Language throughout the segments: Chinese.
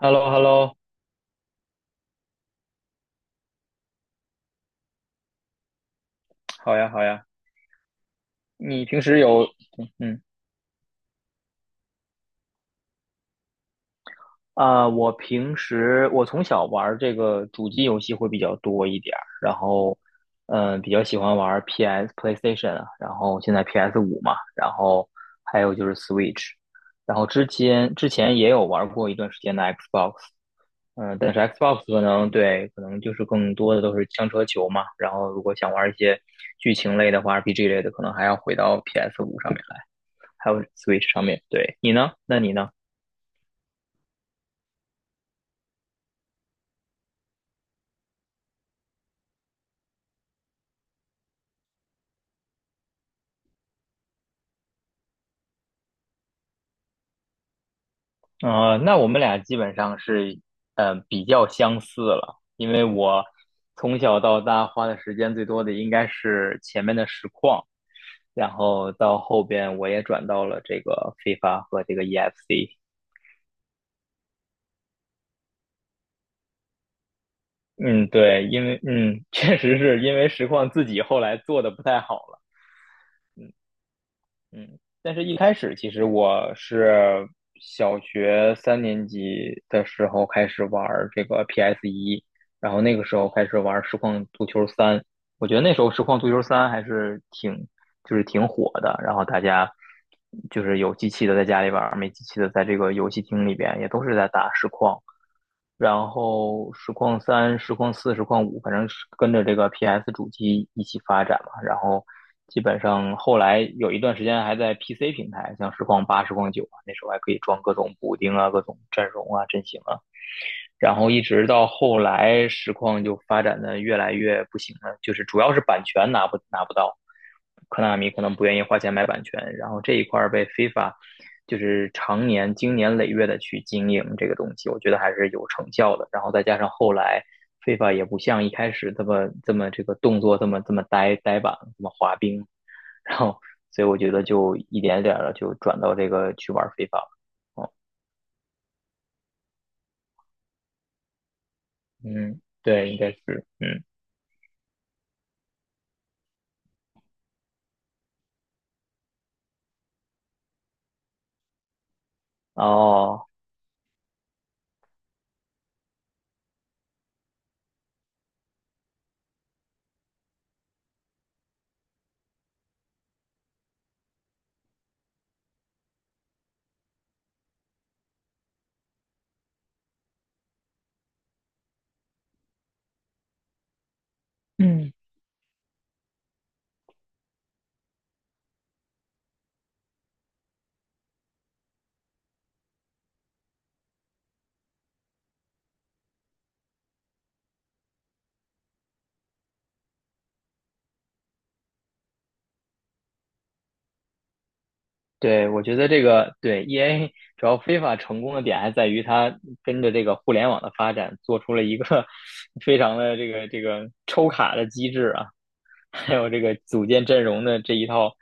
h e l l o h e l l o 好呀，好呀。你平时有，嗯，我平时我从小玩儿这个主机游戏会比较多一点儿，然后，比较喜欢玩 PS、PlayStation 啊，然后现在 PS 五嘛，然后还有就是 Switch，然后之前也有玩儿过一段时间的 Xbox。但是 Xbox 可能对，可能就是更多的都是枪车球嘛。然后如果想玩儿一些剧情类的话，RPG 类的，可能还要回到 PS 五上面来。还有 Switch 上面。对，你呢？那你呢？那我们俩基本上是，比较相似了，因为我从小到大花的时间最多的应该是前面的实况，然后到后边我也转到了这个 FIFA 和这个 EFC。嗯，对，因为确实是因为实况自己后来做的不太好了。嗯，但是一开始其实我是小学三年级的时候开始玩儿这个 PS 一，然后那个时候开始玩儿实况足球三。我觉得那时候实况足球三还是挺就是挺火的，然后大家就是有机器的在家里玩儿，没机器的在这个游戏厅里边也都是在打实况。然后实况三、实况四、实况五，反正是跟着这个 PS 主机一起发展嘛。然后基本上后来有一段时间还在 PC 平台，像实况八、实况九啊，那时候还可以装各种补丁啊、各种阵容啊、阵型啊。然后一直到后来，实况就发展的越来越不行了，就是主要是版权拿不到，科纳米可能不愿意花钱买版权。然后这一块儿被 f 法，就是常年经年累月的去经营这个东西，我觉得还是有成效的。然后再加上后来 f 法也不像一开始这么这个动作这么呆板这么滑冰。然后所以我觉得就一点点的就转到这个去玩 f i f 了。哦，嗯，对，应该是，嗯，哦。嗯，对，我觉得这个对 EA 主要非法成功的点还在于它跟着这个互联网的发展，做出了一个 非常的这个抽卡的机制啊，还有这个组建阵容的这一套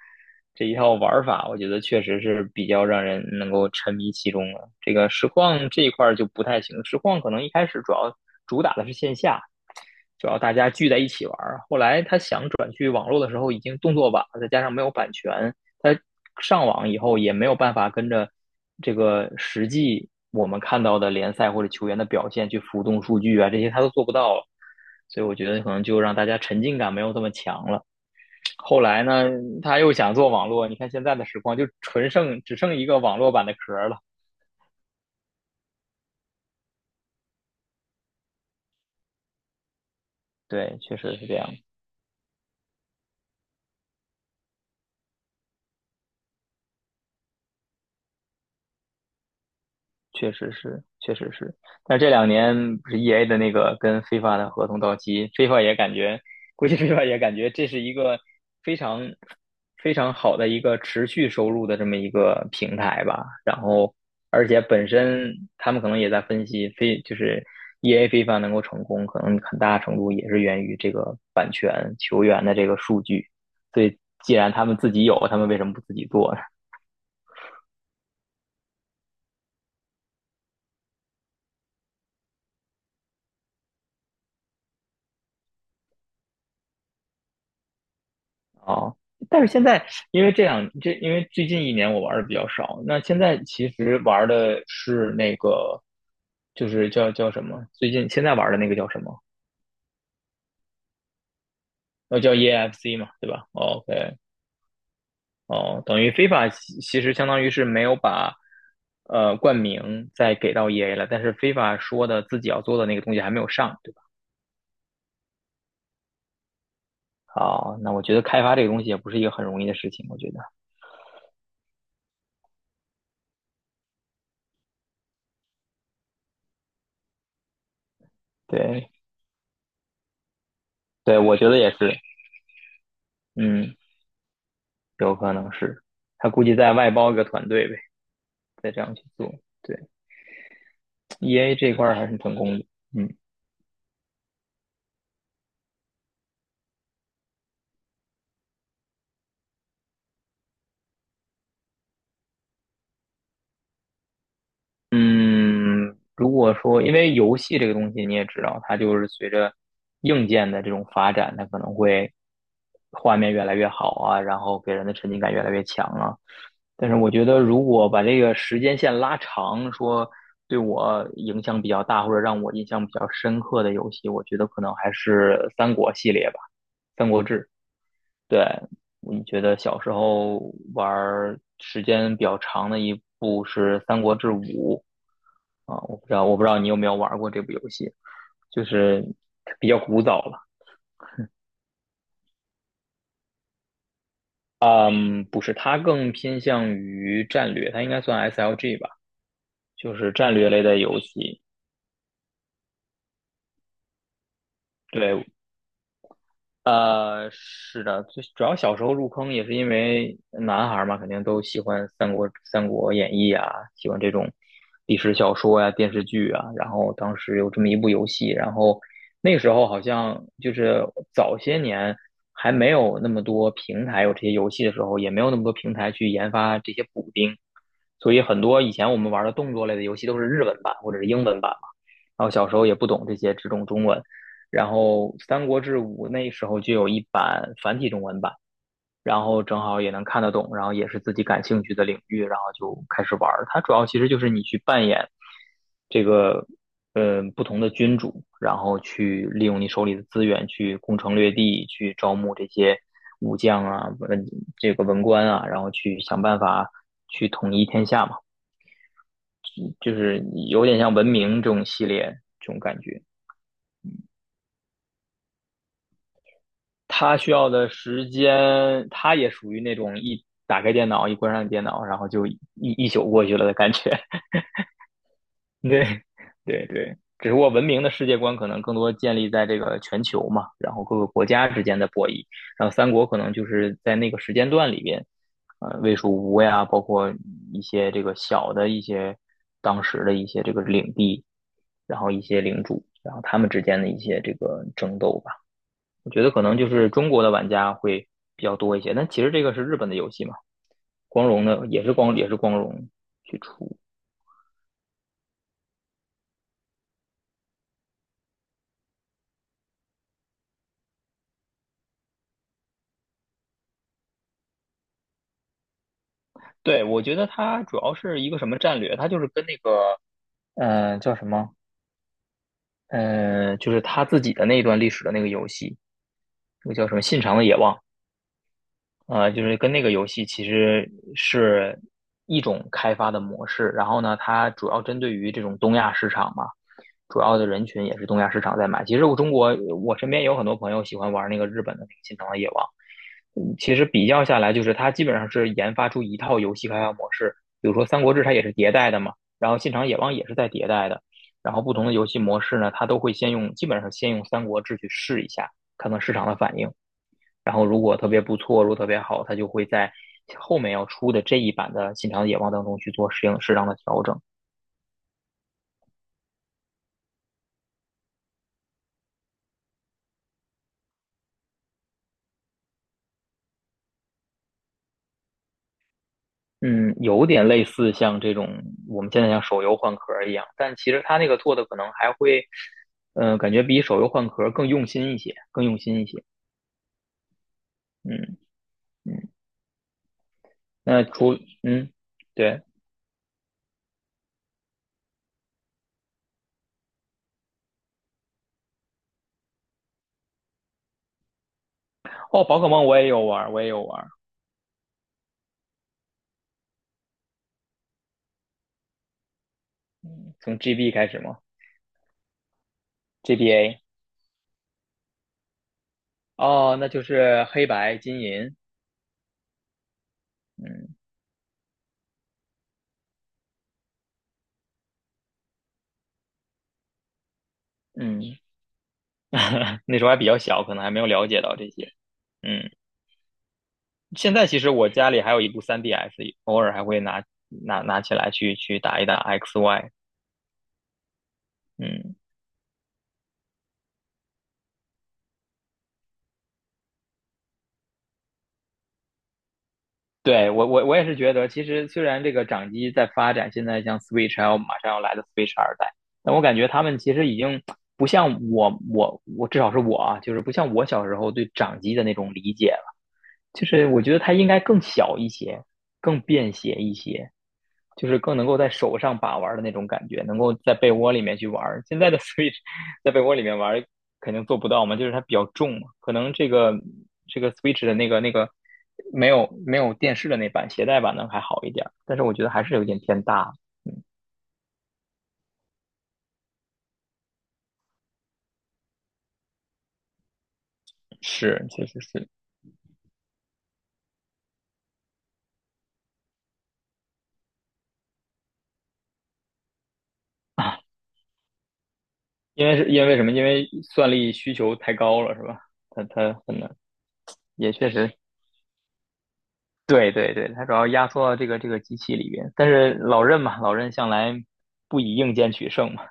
这一套玩儿法。我觉得确实是比较让人能够沉迷其中的。这个实况这一块儿就不太行，实况可能一开始主要主打的是线下，主要大家聚在一起玩。后来他想转去网络的时候，已经动作晚了，再加上没有版权，他上网以后也没有办法跟着这个实际我们看到的联赛或者球员的表现去浮动数据啊，这些他都做不到了。所以我觉得可能就让大家沉浸感没有这么强了。后来呢，他又想做网络，你看现在的实况就只剩一个网络版的壳了。对，确实是这样。确实是，确实是。但这两年不是 EA 的那个跟 FIFA 的合同到期，FIFA 也感觉，估计 FIFA 也感觉这是一个非常非常好的一个持续收入的这么一个平台吧。然后，而且本身他们可能也在分析，非就是 EA FIFA 能够成功，可能很大程度也是源于这个版权球员的这个数据。所以既然他们自己有，他们为什么不自己做？哦，但是现在因为这样，因为最近一年我玩的比较少，那现在其实玩的是那个，就是叫什么？最近现在玩的那个叫什么？叫 EFC 嘛，对吧？OK。哦，等于 FIFA 其实相当于是没有把冠名再给到 EA 了，但是 FIFA 说的自己要做的那个东西还没有上，对吧？哦，那我觉得开发这个东西也不是一个很容易的事情，我觉得，对，对，我觉得也是。嗯。有可能是他估计再外包一个团队呗，再这样去做。对，EA 这块儿还是成功的。嗯。嗯，如果说因为游戏这个东西你也知道，它就是随着硬件的这种发展，它可能会画面越来越好啊，然后给人的沉浸感越来越强啊。但是我觉得，如果把这个时间线拉长，说对我影响比较大或者让我印象比较深刻的游戏，我觉得可能还是三国系列吧，《三国志》。对，你觉得小时候玩儿时间比较长的一部是《三国志五》。我不知道，我不知道你有没有玩过这部游戏，就是比较古早了。嗯，不是，它更偏向于战略，它应该算 SLG 吧，就是战略类的游戏。对，是的，最主要小时候入坑也是因为男孩儿嘛，肯定都喜欢三国《三国演义》啊，喜欢这种历史小说呀、电视剧啊。然后当时有这么一部游戏，然后那个时候好像就是早些年还没有那么多平台有这些游戏的时候，也没有那么多平台去研发这些补丁，所以很多以前我们玩的动作类的游戏都是日文版或者是英文版嘛。然后小时候也不懂这些，只懂中文。然后《三国志五》那时候就有一版繁体中文版，然后正好也能看得懂，然后也是自己感兴趣的领域，然后就开始玩儿。它主要其实就是你去扮演这个不同的君主，然后去利用你手里的资源去攻城略地，去招募这些武将啊、这个文官啊，然后去想办法去统一天下嘛，就是有点像文明这种系列这种感觉。他需要的时间，他也属于那种一打开电脑，一关上电脑，然后就一宿过去了的感觉。对，对对，只不过文明的世界观可能更多建立在这个全球嘛，然后各个国家之间的博弈。然后三国可能就是在那个时间段里边，魏蜀吴呀，包括一些这个小的一些当时的一些这个领地，然后一些领主，然后他们之间的一些这个争斗吧。我觉得可能就是中国的玩家会比较多一些，但其实这个是日本的游戏嘛，光荣的也是光荣去出。对，我觉得它主要是一个什么战略，它就是跟那个呃叫什么呃，就是他自己的那一段历史的那个游戏，那个叫什么《信长的野望》。就是跟那个游戏其实是一种开发的模式。然后呢，它主要针对于这种东亚市场嘛，主要的人群也是东亚市场在买。其实我中国，我身边有很多朋友喜欢玩那个日本的那个《心疼的野王》。嗯，其实比较下来，就是它基本上是研发出一套游戏开发模式。比如说《三国志》它也是迭代的嘛，然后《信长野望》也是在迭代的。然后不同的游戏模式呢，它都会先用，基本上先用《三国志》去试一下，看看市场的反应。然后如果特别不错，如果特别好，它就会在后面要出的这一版的《信长野望》当中去做适当的调整。嗯，有点类似像这种我们现在像手游换壳一样，但其实它那个做的可能还会，感觉比手游换壳更用心一些，更用心一些。嗯。嗯。那除嗯。对。哦，宝可梦我也有玩，我也有玩。从 GB 开始吗？GBA 哦，那就是黑白金银。嗯。嗯，那时候还比较小，可能还没有了解到这些。嗯，现在其实我家里还有一部 3DS，偶尔还会拿起来去打一打 XY。嗯，对，我我也是觉得，其实虽然这个掌机在发展，现在像 Switch 还有马上要来的 Switch 二代，但我感觉他们其实已经不像我，至少是我啊，就是不像我小时候对掌机的那种理解了。就是我觉得它应该更小一些，更便携一些，就是更能够在手上把玩的那种感觉，能够在被窝里面去玩。现在的 Switch 在被窝里面玩肯定做不到嘛，就是它比较重嘛，可能这个 Switch 的那个没有电视的那版携带版的还好一点，但是我觉得还是有点偏大。是，确实是。因为什么？因为算力需求太高了，是吧？它很难，也确实对对对。它主要压缩到这个机器里边。但是老任嘛，老任向来不以硬件取胜嘛。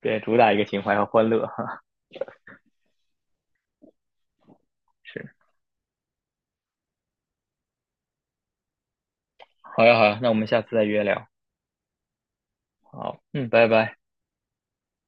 对，主打一个情怀和欢乐哈。是，好呀好呀，那我们下次再约聊。好，嗯，拜拜。